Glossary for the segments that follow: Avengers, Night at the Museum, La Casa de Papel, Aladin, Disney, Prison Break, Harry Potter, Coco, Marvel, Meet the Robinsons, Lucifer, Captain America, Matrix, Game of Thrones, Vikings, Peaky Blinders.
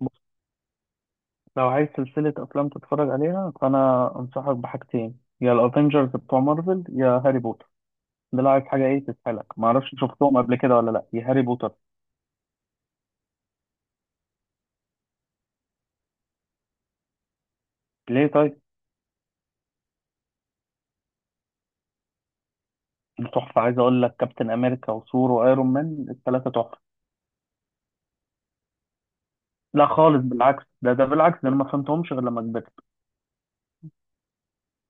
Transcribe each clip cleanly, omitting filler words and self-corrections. بص، لو عايز سلسلة أفلام تتفرج عليها فأنا أنصحك بحاجتين، يا الأفينجرز بتوع مارفل يا هاري بوتر. ده لو عايز حاجة. إيه تسحلك، معرفش شفتهم قبل كده ولا لأ، يا هاري بوتر. ليه طيب؟ دي تحفة، عايز أقول لك كابتن أمريكا وثور وأيرون مان التلاتة تحفة. لا خالص، بالعكس، ده بالعكس، ده أنا ما فهمتهمش غير لما كبرت.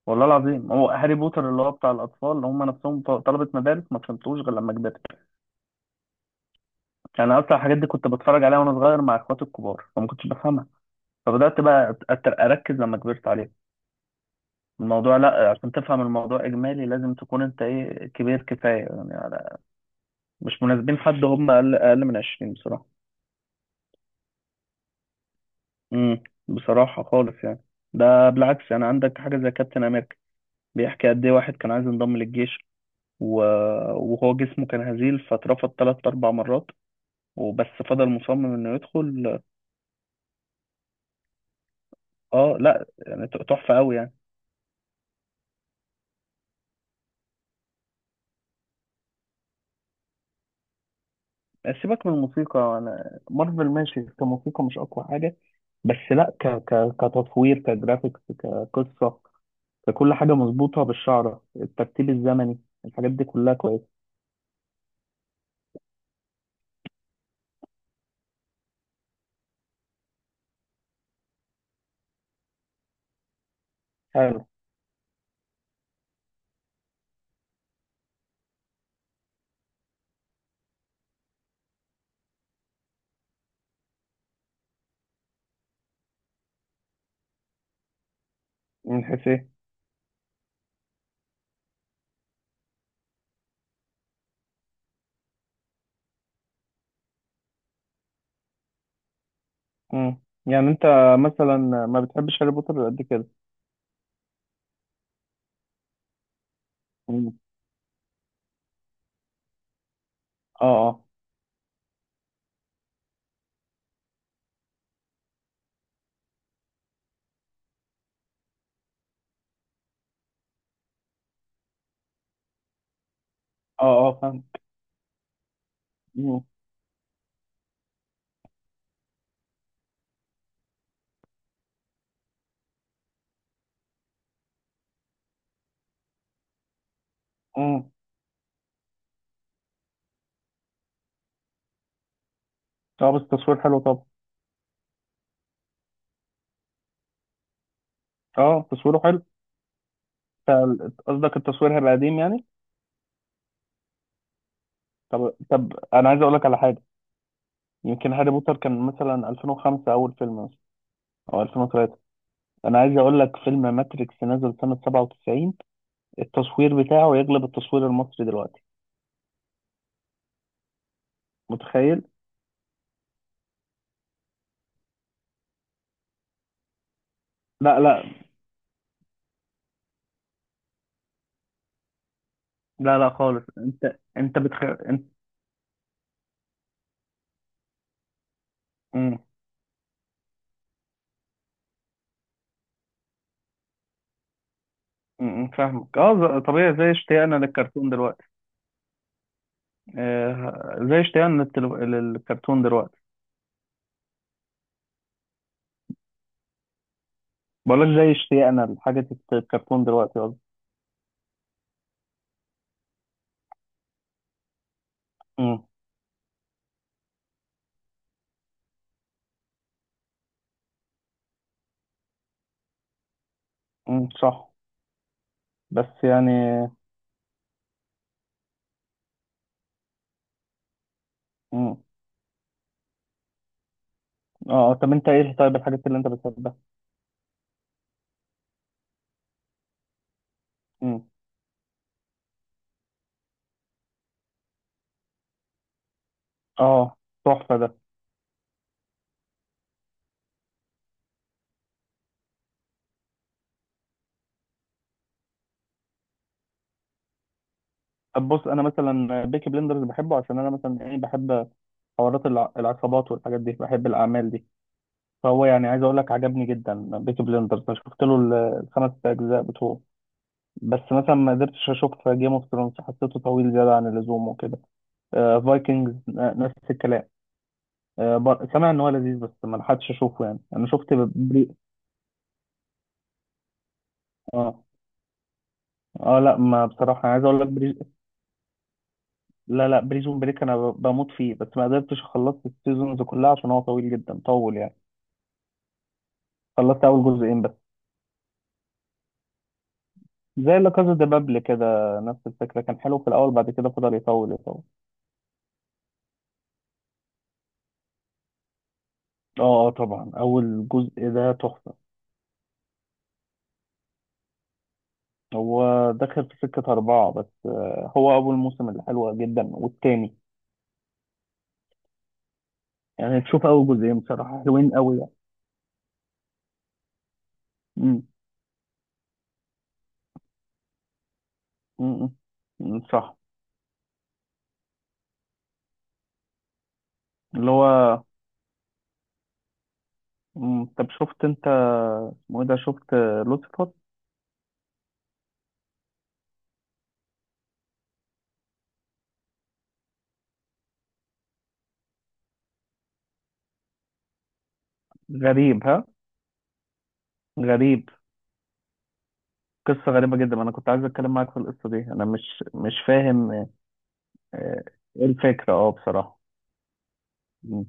والله العظيم هو هاري بوتر اللي هو بتاع الأطفال اللي هم نفسهم طلبة مدارس ما فهمتوش غير لما كبرت. أنا أصلا الحاجات دي كنت بتفرج عليها وأنا صغير مع إخواتي الكبار فما كنتش بفهمها. فبدأت بقى أركز لما كبرت عليها. الموضوع، لا عشان تفهم الموضوع اجمالي لازم تكون انت، ايه، كبير كفايه، يعني على، مش مناسبين حد هم اقل من 20 بصراحه. بصراحه خالص يعني. ده بالعكس، يعني عندك حاجه زي كابتن امريكا، بيحكي قد ايه واحد كان عايز ينضم للجيش و... وهو جسمه كان هزيل، فاترفض ثلاث اربع مرات وبس، فضل مصمم انه يدخل. اه لا يعني تحفه قوي يعني. سيبك من الموسيقى، انا مارفل ماشي كموسيقى، مش اقوى حاجه، بس لا كتصوير، كجرافيكس، كقصه، فكل حاجة مظبوطة بالشعرة، الترتيب الزمني، الحاجات دي كلها كويسة. حلو. من حيث ايه؟ مم. يعني انت مثلا ما بتحبش هاري بوتر قد كده؟ مم. اه اه. اه اه فاهم. مم. مم. اه بس التصوير حلو طبعا. اه تصويره حلو. انت قصدك التصوير هيبقى قديم يعني؟ طب طب، انا عايز اقول لك على حاجة. يمكن هاري بوتر كان مثلا 2005 اول فيلم، مثلا او 2003. انا عايز اقول لك فيلم ماتريكس نزل سنة 97، التصوير بتاعه يغلب التصوير المصري دلوقتي. متخيل؟ لا، لا لا لا خالص، انت. مم. مم. فاهمك اه. طبيعي، زي اشتياقنا للكرتون دلوقتي. آه، زي اشتياقنا للكرتون دلوقتي. بقولك زي اشتياقنا لحاجة الكرتون دلوقتي قصدي. مم. مم. صح. بس يعني. مم. اه طب انت ايه طيب الحاجات اللي انت بتحبها؟ مم. اه تحفة ده. طب بص، انا مثلا بيكي بلندرز بحبه عشان انا مثلا، ايه، بحب حوارات العصابات والحاجات دي، بحب الاعمال دي. فهو يعني عايز اقول لك عجبني جدا بيكي بليندرز، انا شفت له الخمس اجزاء بتوعه. بس مثلا ما قدرتش اشوف جيم اوف ثرونز، حسيته طويل زياده عن اللزوم وكده. فايكنجز نفس الكلام، سامع ان هو لذيذ بس ما لحقتش اشوفه، يعني انا شفت اه اه. لا ما بصراحه، عايز اقول لك لا لا، بريزون بريك انا بموت فيه، بس ما قدرتش خلصت السيزونز كلها عشان هو طويل جدا، طول يعني. خلصت اول جزئين بس. زي لا كازا دي بابل كده، نفس الفكره، كان حلو في الاول بعد كده فضل يطول يطول. اه آه، طبعا اول جزء ده تحفه. هو دخل في سكه اربعه بس، آه، هو اول موسم اللي حلوه جدا والتاني، يعني تشوف اول جزئين بصراحه حلوين قوي يعني. مم. مم. مم. صح. اللي هو. مم. طب شفت انت، اسمه ايه ده، شفت لوسيفر؟ غريب ها؟ غريب. قصه غريبه جدا، انا كنت عايز اتكلم معاك في القصه دي، انا مش فاهم. آه، ايه الفكره، اه بصراحه. مم.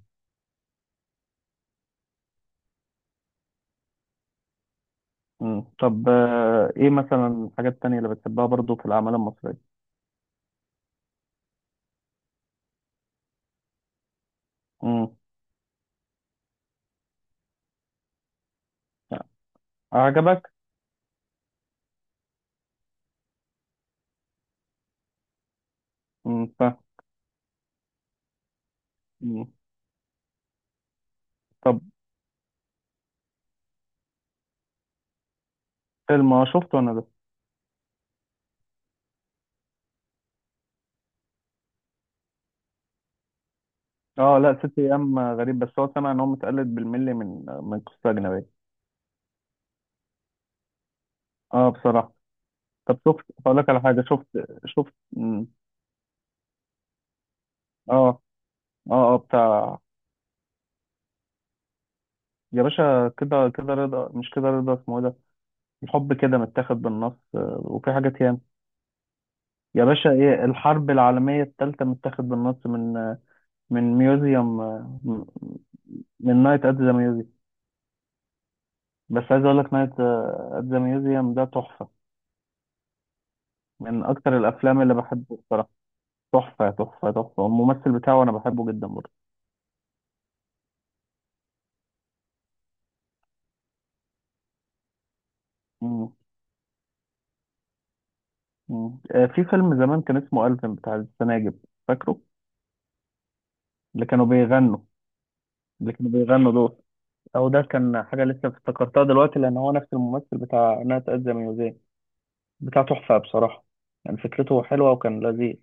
مم. طب آه، ايه مثلا الحاجات التانية اللي بتحبها برضو في الاعمال المصريه؟ امم عجبك؟ امم ف... امم طب، فيلم شفته انا ده. اه لا، ست ايام غريب، بس هو سمع ان هو متقلد بالملي من قصه اجنبيه، اه بصراحه. طب شفت، هقول لك على حاجه، شفت شفت اه اه اه بتاع. يا باشا كده كده رضا، مش كده رضا، اسمه إيه ده؟ الحب كده، متاخد بالنص آه، وفي حاجات ياما. يا باشا، ايه الحرب العالميه الثالثه متاخد بالنص من ميوزيوم، من نايت ات ذا. بس عايز اقول لك نايت ات ذا ميوزيوم ده تحفه، من اكتر الافلام اللي بحبه بصراحه، تحفه تحفه تحفه، الممثل بتاعه انا بحبه جدا برضه. مم. مم. آه، في فيلم زمان كان اسمه ألفين بتاع السناجب، فاكره؟ اللي كانوا بيغنوا اللي كانوا بيغنوا دول. او ده كان حاجه لسه افتكرتها دلوقتي لان هو نفس الممثل بتاع نايت ات ذا ميوزيوم بتاع، تحفه بصراحه، يعني فكرته حلوه وكان لذيذ.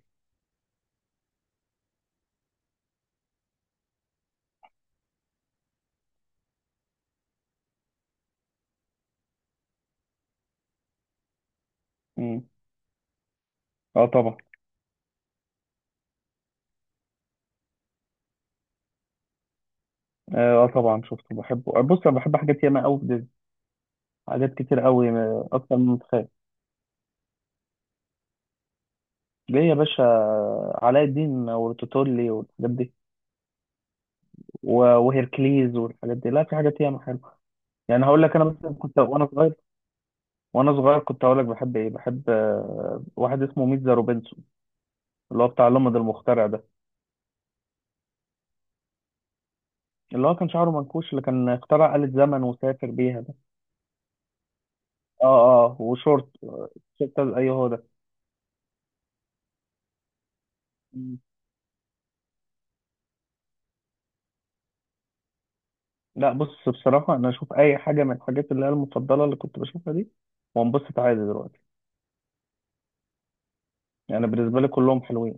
مم. اه طبعا. اه آه طبعا شفته بحبه، آه، بص انا بحب حاجات ياما قوي في ديزني، حاجات كتير قوي، آه، اكتر من متخيل. ليه يا باشا؟ علاء الدين وتوتولي والحاجات دي، وهيركليز والحاجات دي، لا في حاجات ياما حلوه. يعني هقول لك انا مثلا كنت وانا صغير، كنت هقول لك بحب ايه، بحب آه، واحد اسمه ميتزا روبنسون، اللي هو بتاع لمض المخترع ده، اللي هو كان شعره منكوش، اللي كان اخترع آلة زمن وسافر بيها ده. اه اه وشورت، اي هو ده. مم. لا بص بصراحه، انا اشوف اي حاجه من الحاجات اللي هي المفضله اللي كنت بشوفها دي وانبسط عادي دلوقتي، يعني بالنسبه لي كلهم حلوين.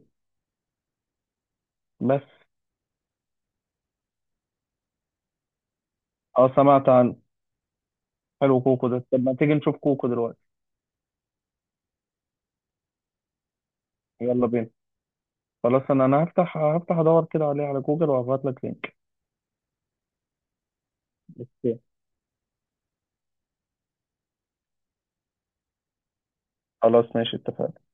بس. اه سمعت عن. حلو كوكو ده، طب ما تيجي نشوف كوكو دلوقتي؟ يلا بينا، خلاص انا هفتح ادور كده عليه على جوجل وهبعت لك لينك. اوكي خلاص، ماشي، اتفقنا.